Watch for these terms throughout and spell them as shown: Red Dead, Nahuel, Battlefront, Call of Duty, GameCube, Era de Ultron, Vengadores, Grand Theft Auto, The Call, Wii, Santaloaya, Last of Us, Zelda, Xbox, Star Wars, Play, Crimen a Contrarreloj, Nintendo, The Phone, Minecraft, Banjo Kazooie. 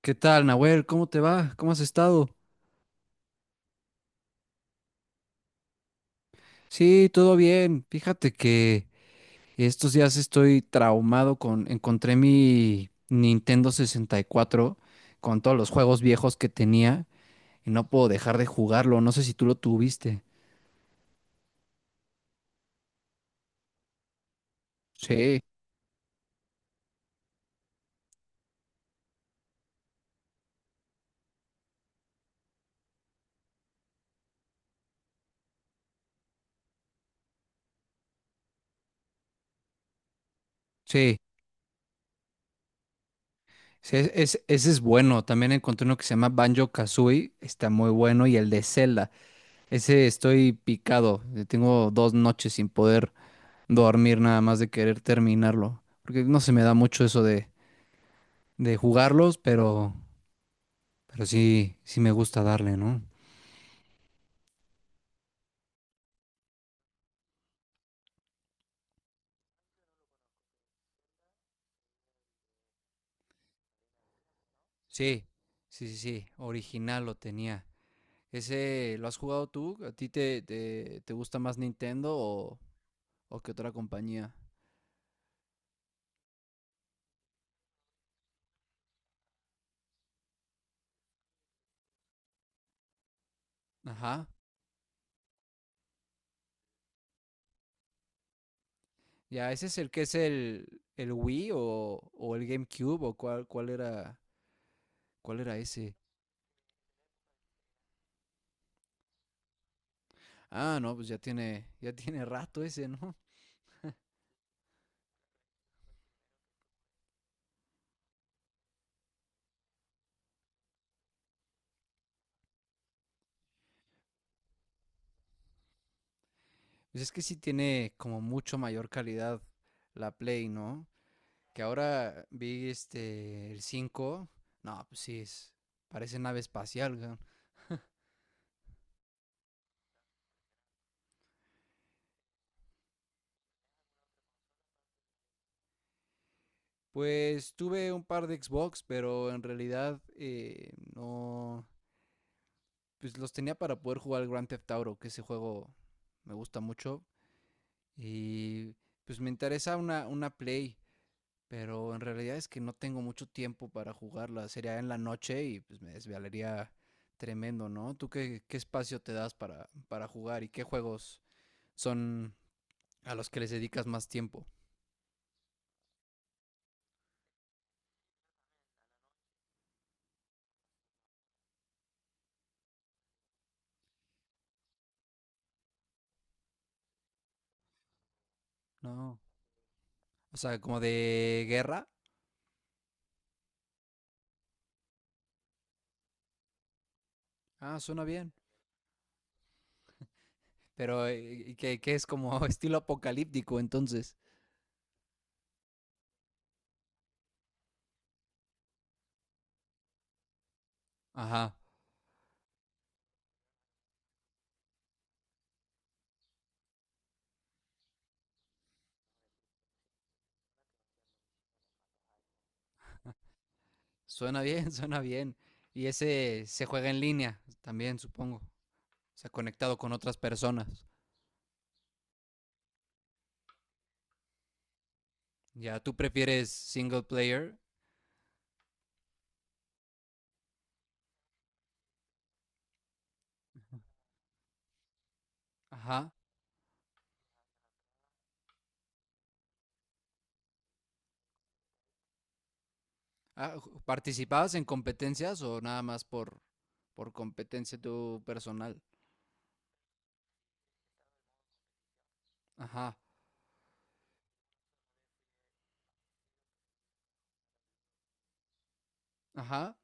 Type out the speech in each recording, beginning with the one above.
¿Qué tal, Nahuel? ¿Cómo te va? ¿Cómo has estado? Sí, todo bien. Fíjate que estos días estoy traumado Encontré mi Nintendo 64 con todos los juegos viejos que tenía y no puedo dejar de jugarlo. No sé si tú lo tuviste. Sí, sí. Sí, ese es bueno. También encontré uno que se llama Banjo Kazooie. Está muy bueno. Y el de Zelda. Ese estoy picado. Tengo 2 noches sin poder dormir, nada más de querer terminarlo. Porque no se me da mucho eso de jugarlos, pero sí, sí me gusta darle, ¿no? Sí, sí, sí, sí. Original lo tenía. ¿Ese lo has jugado tú? ¿A ti te gusta más Nintendo o qué otra compañía? Ajá. Ya, ese es el que es el Wii o el GameCube o cuál era ese. Ah, no, pues ya tiene rato ese, ¿no? Pues es que sí tiene como mucho mayor calidad la Play, ¿no? Que ahora vi el 5, no, pues sí es parece nave espacial, güey. Pues tuve un par de Xbox, pero en realidad, no, pues los tenía para poder jugar el Grand Theft Auto, que ese juego me gusta mucho, y pues me interesa una Play. Pero en realidad es que no tengo mucho tiempo para jugarla. Sería en la noche y pues me desvelaría tremendo, ¿no? ¿Tú qué espacio te das para jugar, y qué juegos son a los que les dedicas más tiempo? No. O sea, como de guerra. Ah, suena bien. Pero y que es como estilo apocalíptico, entonces. Ajá. Suena bien, suena bien. Y ese se juega en línea también, supongo. O sea, conectado con otras personas. Ya, ¿tú prefieres single player? Ajá. Ah, ¿participabas en competencias o nada más por competencia tu personal? Ajá, ajá, ajá.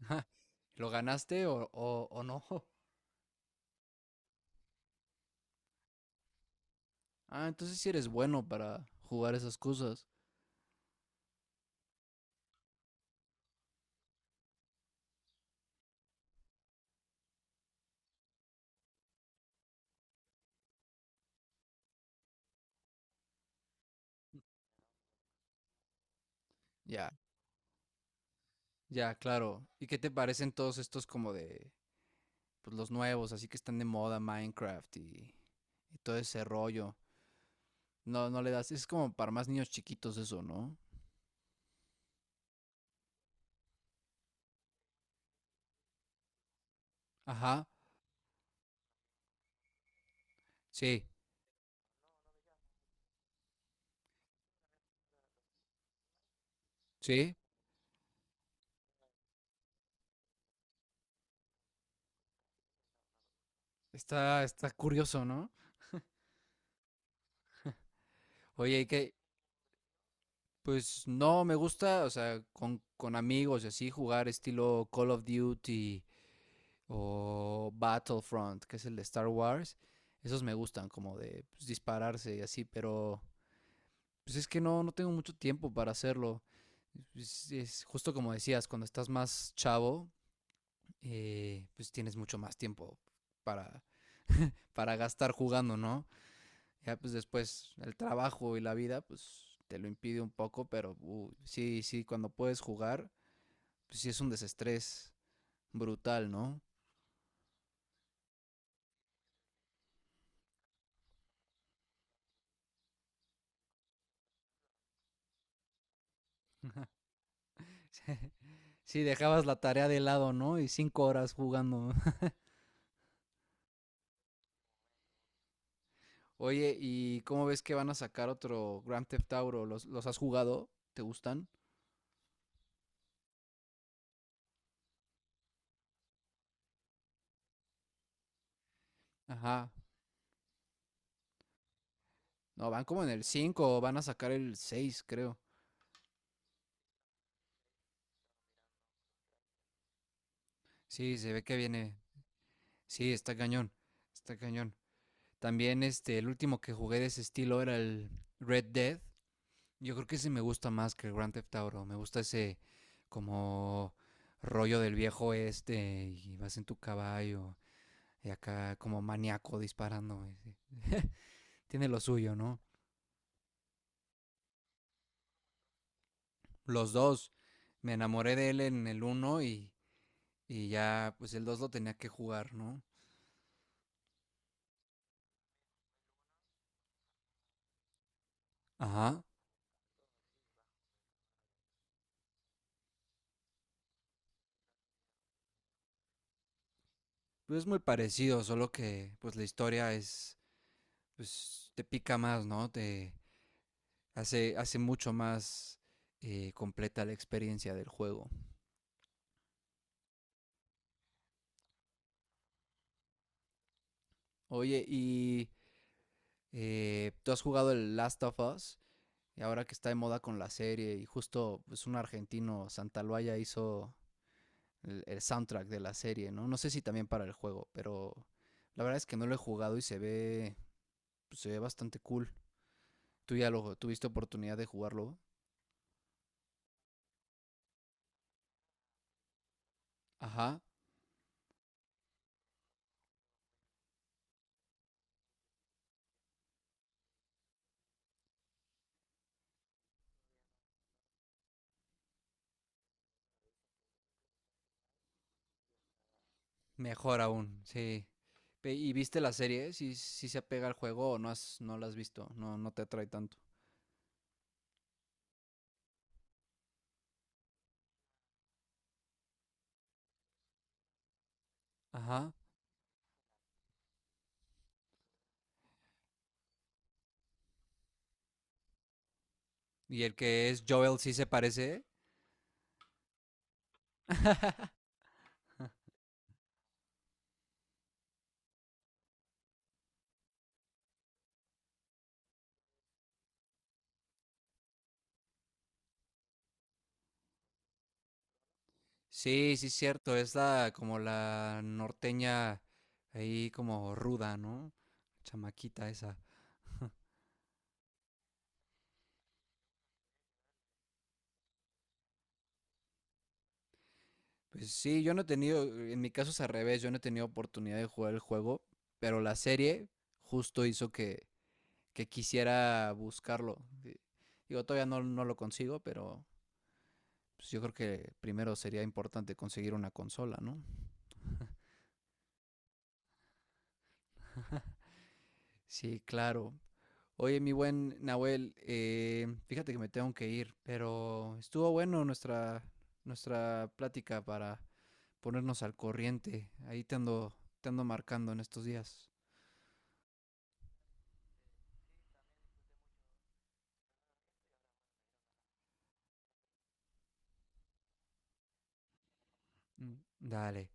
¿Lo ganaste o, o no? Ah, entonces sí eres bueno para jugar esas cosas. Ya, ya, claro. ¿Y qué te parecen todos estos como de, pues los nuevos, así que están de moda, Minecraft y todo ese rollo? No, no le das, es como para más niños chiquitos eso, ¿no? Ajá, sí, sí. Está curioso, ¿no? Oye, ¿y qué? Pues no, me gusta, o sea, con amigos y así, jugar estilo Call of Duty o Battlefront, que es el de Star Wars. Esos me gustan, como de, pues, dispararse y así, pero pues es que no tengo mucho tiempo para hacerlo. Es justo como decías, cuando estás más chavo, pues tienes mucho más tiempo para, para gastar jugando, ¿no? Ya pues después el trabajo y la vida, pues te lo impide un poco, pero sí, sí, cuando puedes jugar, pues sí es un desestrés brutal, ¿no? Sí, dejabas la tarea de lado, ¿no? Y 5 horas jugando. Oye, ¿y cómo ves que van a sacar otro Grand Theft Auto? ¿Los has jugado? ¿Te gustan? Ajá. No, van como en el cinco, van a sacar el seis, creo. Sí, se ve que viene. Sí, está cañón. Está cañón. También el último que jugué de ese estilo era el Red Dead. Yo creo que ese me gusta más que el Grand Theft Auto. Me gusta ese como rollo del viejo este, y vas en tu caballo y acá como maníaco disparando, ese. Tiene lo suyo, ¿no? Los dos. Me enamoré de él en el uno, y ya pues el 2 lo tenía que jugar, ¿no? Ajá. Pues es muy parecido, solo que pues la historia es, pues te pica más, ¿no? Te hace mucho más, completa la experiencia del juego. Oye, tú has jugado el Last of Us, y ahora que está de moda con la serie, y justo, pues, un argentino, Santaloaya, hizo el soundtrack de la serie, ¿no? No sé si también para el juego, pero la verdad es que no lo he jugado y se ve bastante cool. Tú ya lo tuviste oportunidad de jugarlo. Ajá, mejor aún, sí. ¿Y viste la serie? ¿Si, se apega al juego o no, no la has visto? No, no te atrae tanto. Ajá. ¿Y el que es Joel sí se parece? Sí, sí, cierto, es la como la norteña, ahí como ruda, ¿no? Chamaquita esa. Pues sí, yo no he tenido, en mi caso es al revés, yo no he tenido oportunidad de jugar el juego, pero la serie justo hizo que quisiera buscarlo. Digo, todavía no lo consigo, pero pues, yo creo que primero sería importante conseguir una consola, ¿no? Sí, claro. Oye, mi buen Nahuel, fíjate que me tengo que ir, pero estuvo bueno nuestra plática para ponernos al corriente. Ahí te ando marcando en estos días. Mm, dale.